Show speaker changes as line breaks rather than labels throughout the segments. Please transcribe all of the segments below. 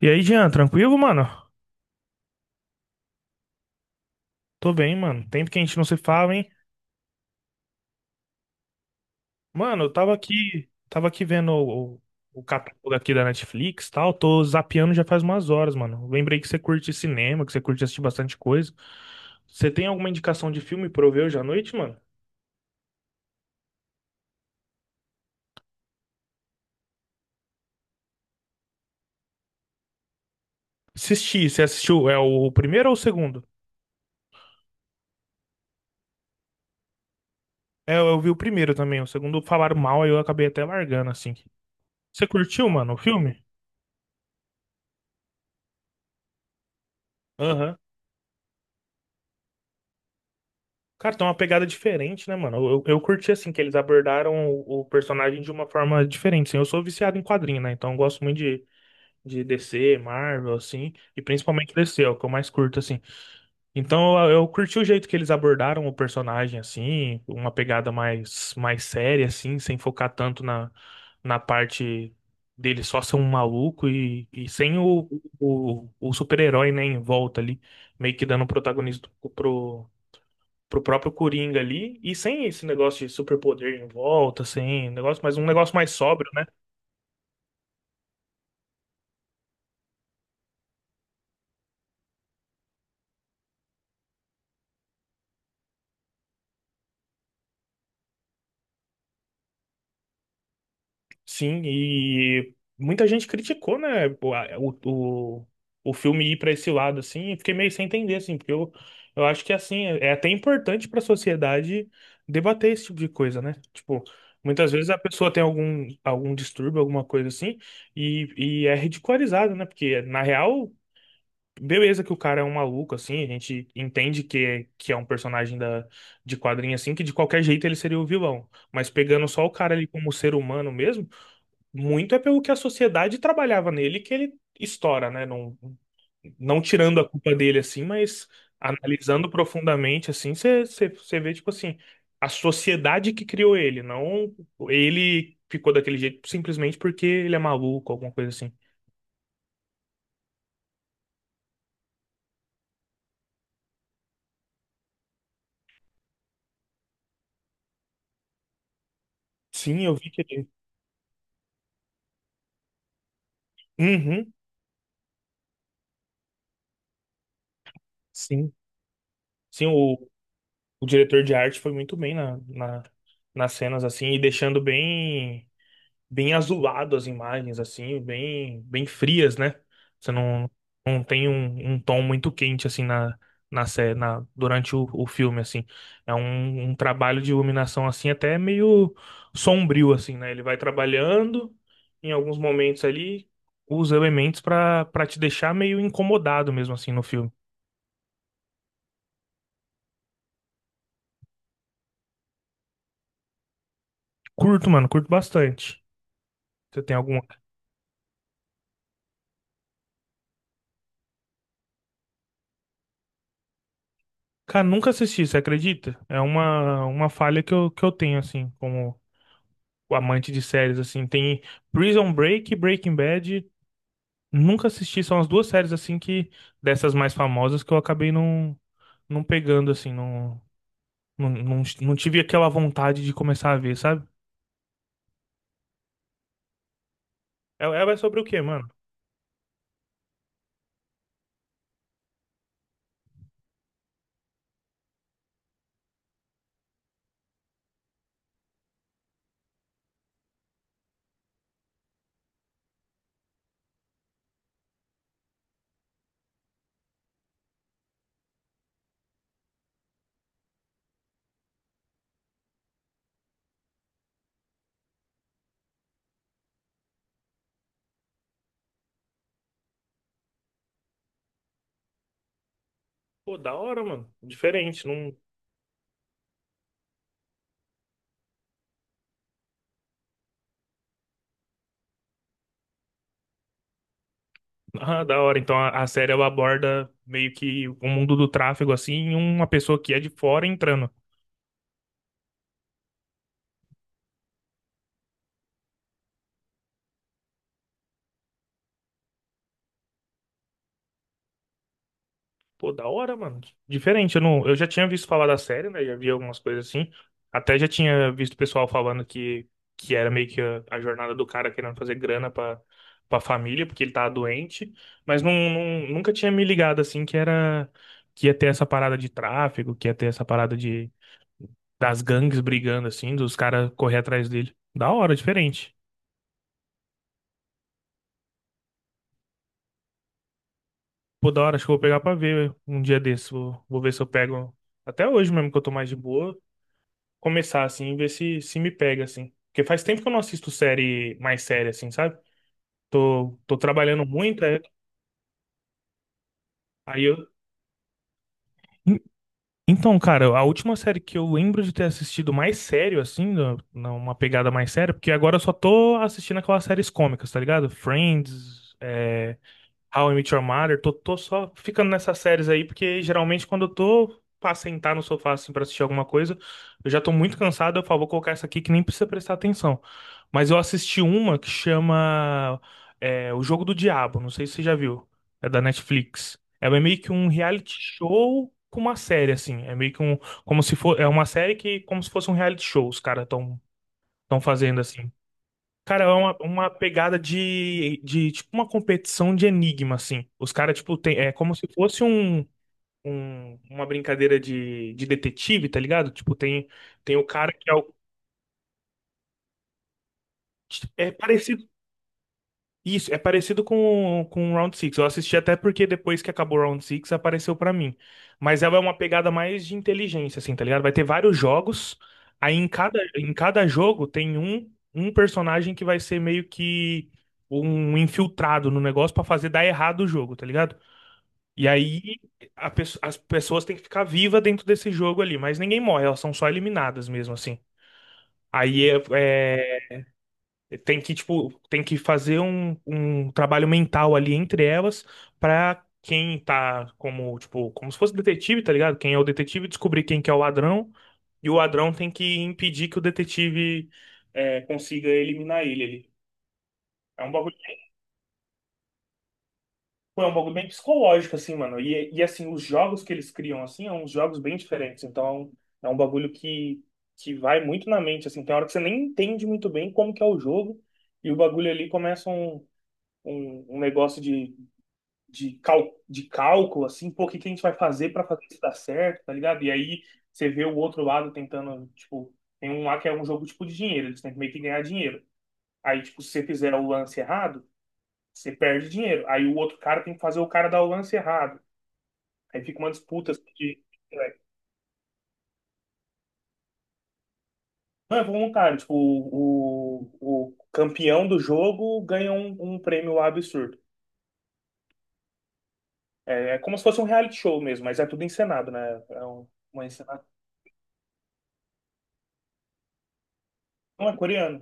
E aí, Jean, tranquilo, mano? Tô bem, mano. Tempo que a gente não se fala, hein? Mano, eu tava aqui vendo o catálogo aqui da Netflix, e tal. Tô zapeando já faz umas horas, mano. Lembrei que você curte cinema, que você curte assistir bastante coisa. Você tem alguma indicação de filme pra eu ver hoje à noite, mano? Assisti, você assistiu? É o primeiro ou o segundo? É, eu vi o primeiro também. O segundo falaram mal, aí eu acabei até largando, assim. Você curtiu, mano, o filme? Aham. Cara, tem uma pegada diferente, né, mano? Eu curti, assim, que eles abordaram o personagem de uma forma diferente, assim. Eu sou viciado em quadrinho, né? Então eu gosto muito de DC, Marvel, assim, e principalmente DC, é o que eu mais curto, assim. Então eu curti o jeito que eles abordaram o personagem, assim, uma pegada mais séria, assim, sem focar tanto na parte dele só ser um maluco e sem o super-herói, né, em volta ali, meio que dando protagonismo pro, pro próprio Coringa ali, e sem esse negócio de superpoder em volta, sem negócio, mas um negócio mais sóbrio, né? Sim, e muita gente criticou, né, o, a- o, o filme ir para esse lado, assim, e fiquei meio sem entender, assim, porque eu acho que, assim, é até importante para a sociedade debater esse tipo de coisa, né? Tipo, muitas vezes a pessoa tem algum distúrbio, alguma coisa assim, e, e é ridicularizado, né? Porque, na real, beleza que o cara é um maluco, assim, a gente entende que é um personagem de quadrinho, assim, que de qualquer jeito ele seria o vilão. Mas pegando só o cara ali como ser humano mesmo, muito é pelo que a sociedade trabalhava nele que ele estoura, né? Não, não tirando a culpa dele, assim, mas analisando profundamente, assim, você vê, tipo assim, a sociedade que criou ele, não ele ficou daquele jeito simplesmente porque ele é maluco, alguma coisa assim. Sim, eu vi que ele... Uhum, sim. Sim, o diretor de arte foi muito bem nas cenas, assim, e deixando bem azulado as imagens, assim, bem frias, né? Você não tem um tom muito quente, assim, durante o filme, assim. É um trabalho de iluminação, assim, até meio sombrio, assim, né? Ele vai trabalhando, em alguns momentos ali, os elementos pra para te deixar meio incomodado mesmo, assim, no filme. Curto, mano, curto bastante. Você tem algum... Cara, nunca assisti, você acredita? É uma falha que eu tenho, assim, como amante de séries, assim. Tem Prison Break e Breaking Bad. Nunca assisti, são as duas séries, assim, que dessas mais famosas que eu acabei não pegando, assim, não tive aquela vontade de começar a ver, sabe? Ela é sobre o quê, mano? Pô, da hora, mano. Diferente, não... Ah, da hora. Então a série, ela aborda meio que o mundo do tráfego, assim, e uma pessoa que é de fora entrando. Pô, da hora, mano. Diferente, eu não, eu já tinha visto falar da série, né? Já vi algumas coisas assim. Até já tinha visto o pessoal falando que era meio que a jornada do cara querendo fazer grana pra família, porque ele tava doente. Mas nunca tinha me ligado assim que era que ia ter essa parada de tráfico, que ia ter essa parada de das gangues brigando assim, dos caras correr atrás dele. Da hora, diferente. Pô, da hora, acho que eu vou pegar pra ver um dia desse. Vou ver se eu pego. Até hoje mesmo que eu tô mais de boa, começar, assim, e ver se me pega, assim. Porque faz tempo que eu não assisto série mais séria, assim, sabe? Tô trabalhando muito, é, aí eu. En- Então, cara, a última série que eu lembro de ter assistido mais sério, assim, numa pegada mais séria, porque agora eu só tô assistindo aquelas séries cômicas, tá ligado? Friends, How I Met Your Mother, tô só ficando nessas séries aí, porque geralmente quando eu tô pra sentar no sofá assim pra assistir alguma coisa, eu já tô muito cansado, eu falo, vou colocar essa aqui que nem precisa prestar atenção. Mas eu assisti uma que chama O Jogo do Diabo, não sei se você já viu, é da Netflix. É meio que um reality show com uma série, assim, é meio que um, como se for, é uma série que, como se fosse um reality show, os caras tão fazendo assim. Cara, é uma pegada de, tipo, uma competição de enigma, assim. Os caras, tipo, tem, é como se fosse uma brincadeira de detetive, tá ligado? Tipo, tem o cara que é o... É parecido Isso, é parecido com o Round Six. Eu assisti até porque depois que acabou o Round Six apareceu pra mim. Mas ela é uma pegada mais de inteligência, assim, tá ligado? Vai ter vários jogos, aí em cada jogo tem um personagem que vai ser meio que um infiltrado no negócio pra fazer dar errado o jogo, tá ligado? E aí as pessoas têm que ficar vivas dentro desse jogo ali, mas ninguém morre, elas são só eliminadas mesmo, assim. Aí tem que, tipo, tem que fazer um trabalho mental ali entre elas pra quem tá tipo, como se fosse detetive, tá ligado? Quem é o detetive descobrir quem que é o ladrão e o ladrão tem que impedir que o detetive consiga eliminar ele ali. É um bagulho, tipo, é um bagulho bem psicológico, assim, mano. E, assim, os jogos que eles criam, assim, são uns jogos bem diferentes. Então, é um bagulho que vai muito na mente, assim. Tem hora que você nem entende muito bem como que é o jogo e o bagulho ali começa um negócio de cálculo, assim, pô, o que que a gente vai fazer para fazer isso dar certo, tá ligado? E aí você vê o outro lado tentando, tipo, tem um lá que é um jogo tipo de dinheiro, eles têm que meio que ganhar dinheiro. Aí, tipo, se você fizer o lance errado, você perde dinheiro. Aí o outro cara tem que fazer o cara dar o lance errado. Aí fica uma disputa assim, de. Não, é voluntário. Tipo, o campeão do jogo ganha um prêmio lá absurdo. É, é como se fosse um reality show mesmo, mas é tudo encenado, né? É uma encenação. Não é coreano,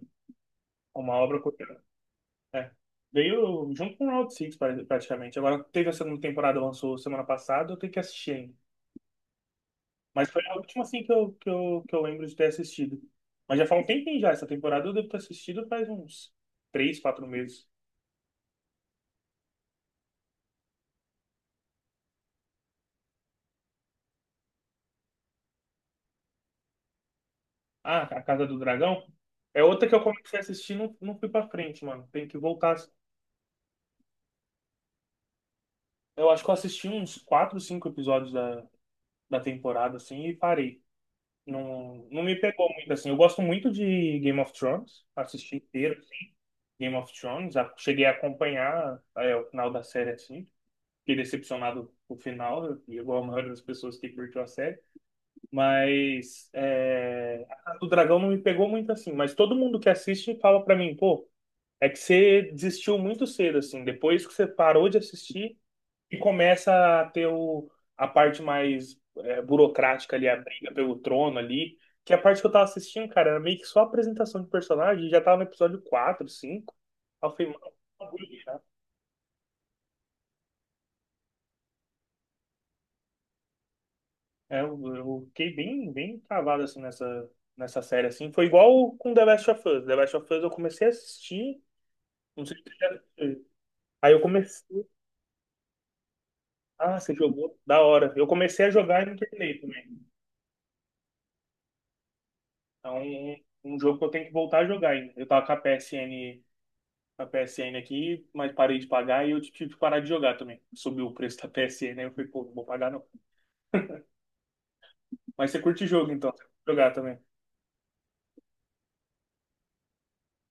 é uma obra coreana. É. Veio junto com o Round Six praticamente. Agora teve a segunda temporada, lançou semana passada, eu tenho que assistir ainda. Mas foi a última assim que eu lembro de ter assistido. Mas já faz um tempinho já, essa temporada eu devo ter assistido faz uns 3, 4 meses. Ah, A Casa do Dragão é outra que eu comecei a assistir e não fui pra frente, mano. Tem que voltar. Eu acho que eu assisti uns 4, 5 episódios da temporada assim e parei. Não me pegou muito assim. Eu gosto muito de Game of Thrones, assisti inteiro Game of Thrones, cheguei a acompanhar o final da série assim. Fiquei decepcionado com o final, igual a maioria das pessoas que curtiu a série. Mas a Casa do Dragão não me pegou muito assim. Mas todo mundo que assiste fala pra mim, pô, é que você desistiu muito cedo assim. Depois que você parou de assistir, e começa a ter a parte mais burocrática ali, a briga pelo trono ali, que é a parte que eu tava assistindo, cara, era meio que só apresentação de personagem, já tava no episódio 4 cinco. Aí eu falei, mano, que bagulho chato. Eu fiquei bem travado assim nessa série, assim. Foi igual com The Last of Us. The Last of Us eu comecei a assistir, não sei se você já assistiu. Aí eu comecei. Ah, você jogou? Da hora. Eu comecei a jogar e não terminei também. Então, um jogo que eu tenho que voltar a jogar ainda. Eu tava com a PSN na P S N aqui, mas parei de pagar e eu tive que parar de jogar também. Subiu o preço da P PSN, aí eu falei, pô, não vou pagar não. Mas você curte jogo então, você curte jogar também.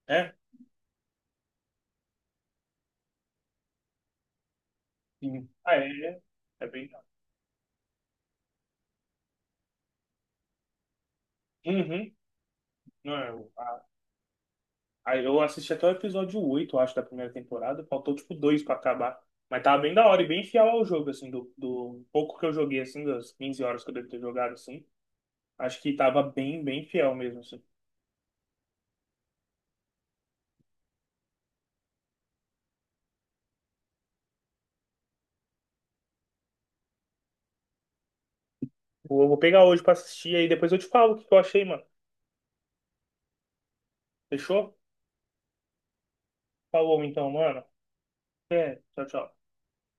É? Sim. Ah, é bem. Uhum. Não, aí eu assisti até o episódio 8, acho, da primeira temporada. Faltou tipo dois pra acabar. Mas tava bem da hora e bem fiel ao jogo, assim, do pouco que eu joguei, assim, das 15 horas que eu devo ter jogado, assim. Acho que tava bem fiel mesmo, assim. Vou pegar hoje pra assistir aí, depois eu te falo o que eu achei, mano. Fechou? Falou então, mano. É, tchau, tchau.